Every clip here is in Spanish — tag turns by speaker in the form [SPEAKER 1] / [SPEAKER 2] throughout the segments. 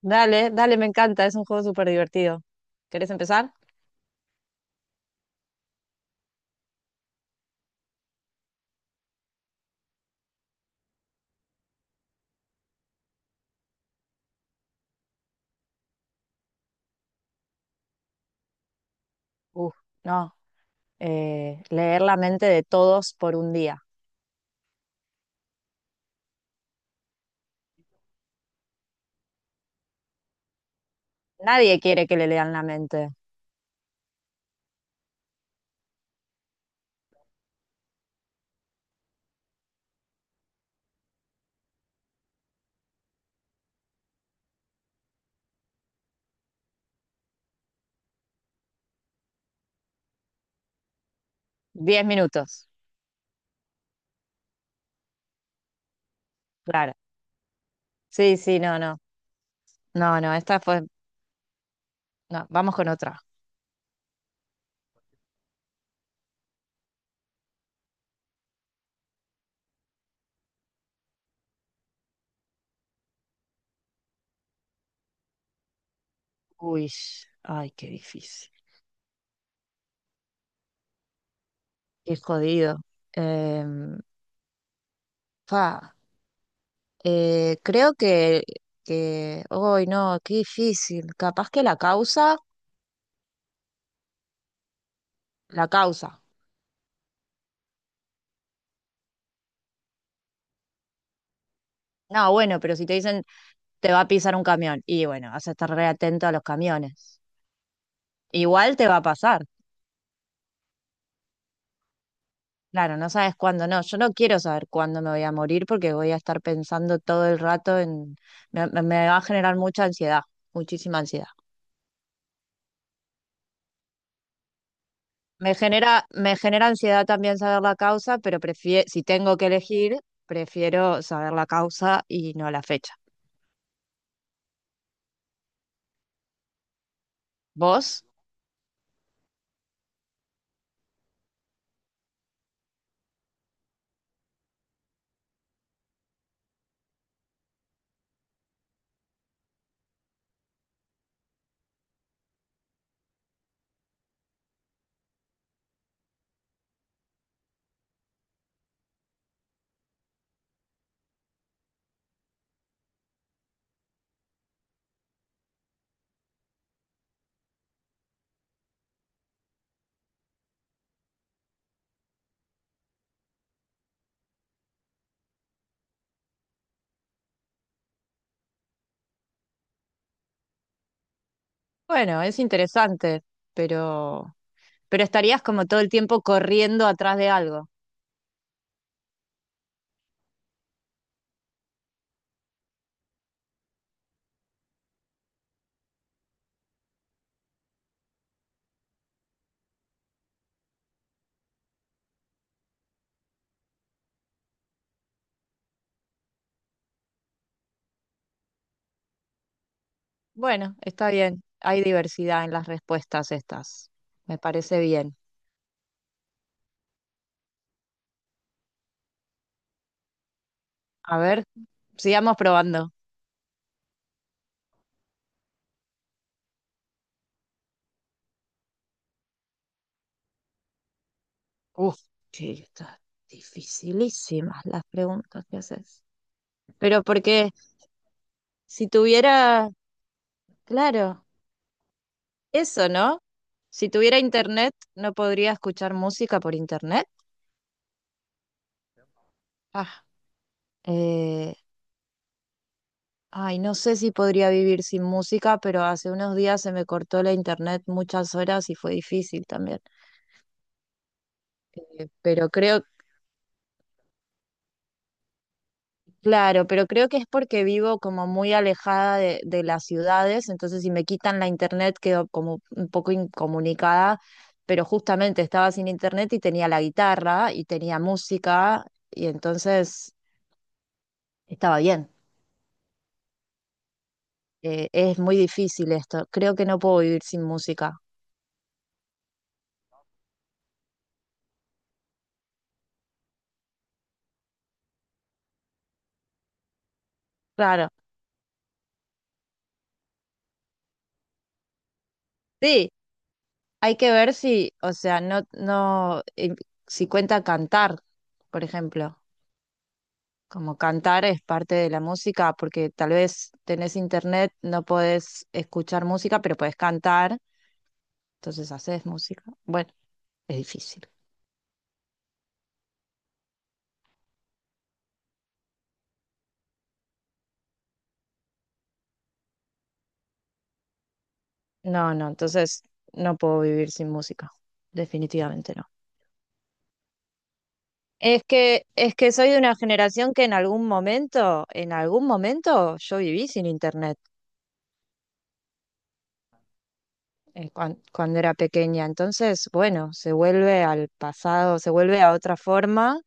[SPEAKER 1] Dale, dale, me encanta, es un juego súper divertido. ¿Querés empezar? Uf, no. Leer la mente de todos por un día. Nadie quiere que le lean la mente. 10 minutos. Claro. Sí, sí, no, no. No, no, esta fue. No, vamos con otra. Uy, ay, qué difícil. Qué jodido. Em, fa, Creo hoy no, qué difícil. Capaz que la causa, la causa. No, bueno, pero si te dicen te va a pisar un camión. Y bueno, vas a estar re atento a los camiones. Igual te va a pasar. Claro, no sabes cuándo no. Yo no quiero saber cuándo me voy a morir porque voy a estar pensando todo el rato en... Me va a generar mucha ansiedad, muchísima ansiedad. Me genera ansiedad también saber la causa, pero prefiero, si tengo que elegir, prefiero saber la causa y no la fecha. ¿Vos? Bueno, es interesante, pero, pero estarías como todo el tiempo corriendo atrás de algo. Bueno, está bien. Hay diversidad en las respuestas estas. Me parece bien. A ver, sigamos probando. Uf, sí, están dificilísimas las preguntas que haces. Pero porque si tuviera, claro, eso, ¿no? Si tuviera internet, ¿no podría escuchar música por internet? Ah, eh, ay, no sé si podría vivir sin música, pero hace unos días se me cortó la internet muchas horas y fue difícil también. Pero creo, claro, pero creo que es porque vivo como muy alejada de las ciudades, entonces si me quitan la internet quedo como un poco incomunicada, pero justamente estaba sin internet y tenía la guitarra y tenía música y entonces estaba bien. Es muy difícil esto, creo que no puedo vivir sin música. Claro, sí, hay que ver si, o sea, no, no, si cuenta cantar, por ejemplo. Como cantar es parte de la música, porque tal vez tenés internet, no podés escuchar música, pero podés cantar, entonces haces música. Bueno, es difícil. No, no, entonces no puedo vivir sin música, definitivamente no. Es que soy de una generación que en algún momento yo viví sin internet cuando era pequeña. Entonces, bueno, se vuelve al pasado, se vuelve a otra forma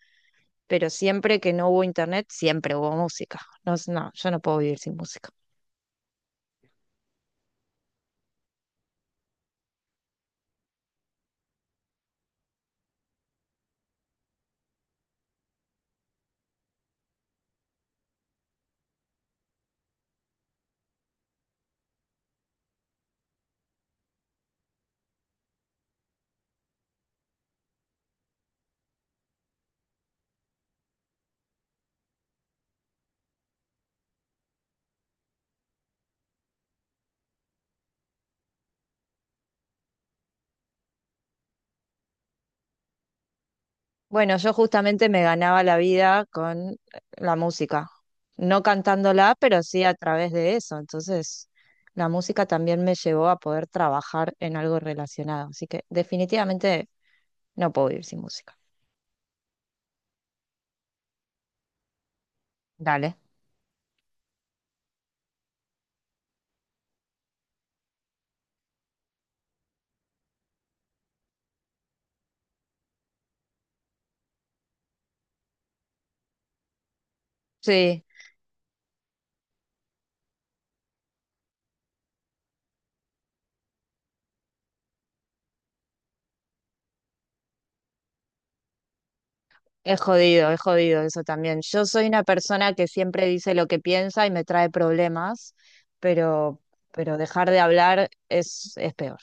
[SPEAKER 1] pero siempre que no hubo internet, siempre hubo música. No, no, yo no puedo vivir sin música. Bueno, yo justamente me ganaba la vida con la música, no cantándola, pero sí a través de eso. Entonces, la música también me llevó a poder trabajar en algo relacionado. Así que definitivamente no puedo vivir sin música. Dale. Sí. Es jodido eso también. Yo soy una persona que siempre dice lo que piensa y me trae problemas, pero, pero dejar de hablar es peor.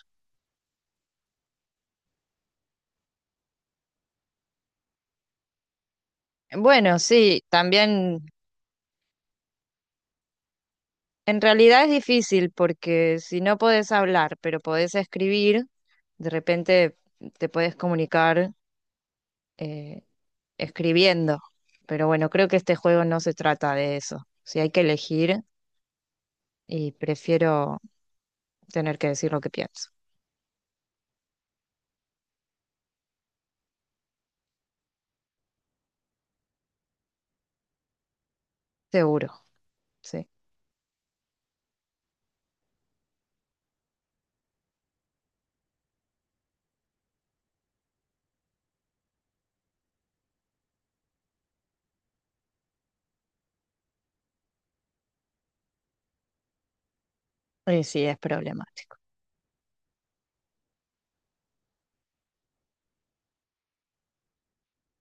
[SPEAKER 1] Bueno, sí, también en realidad es difícil porque si no podés hablar, pero podés escribir, de repente te podés comunicar eh, escribiendo. Pero bueno, creo que este juego no se trata de eso. Si hay que elegir y prefiero tener que decir lo que pienso. Seguro, sí. Y sí, es problemático.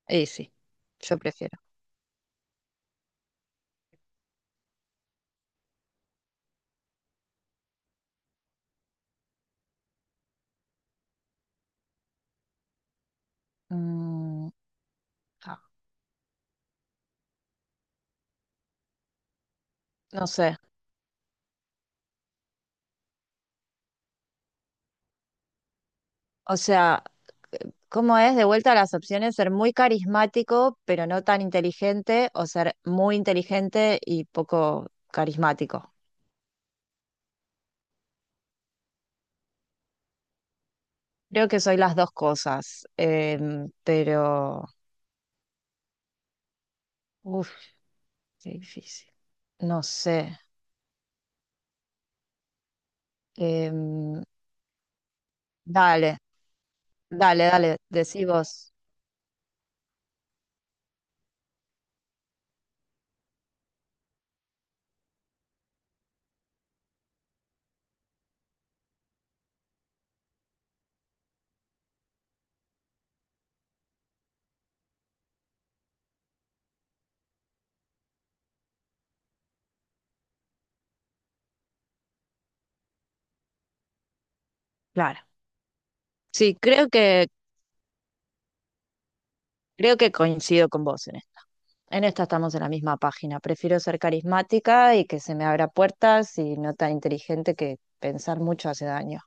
[SPEAKER 1] Y sí, yo prefiero. Mm, ah, no sé. O sea, ¿cómo es de vuelta a las opciones? Ser muy carismático, pero no tan inteligente, o ser muy inteligente y poco carismático. Creo que soy las dos cosas, pero... Uf, qué difícil. No sé. Em, Dale, dale, dale, decí vos. Claro. Sí, creo que coincido con vos en esto. En esta estamos en la misma página. Prefiero ser carismática y que se me abra puertas y no tan inteligente que pensar mucho hace daño.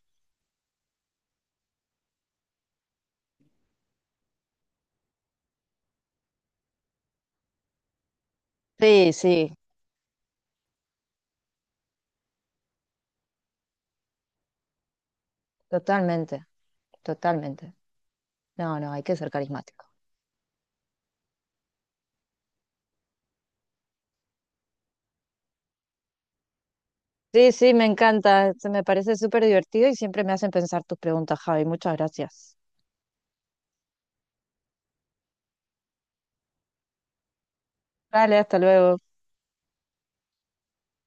[SPEAKER 1] Sí, sí, totalmente, totalmente. No, no, hay que ser carismático. Sí, sí, me encanta. Se me parece súper divertido y siempre me hacen pensar tus preguntas, Javi. Muchas gracias. Vale, hasta luego.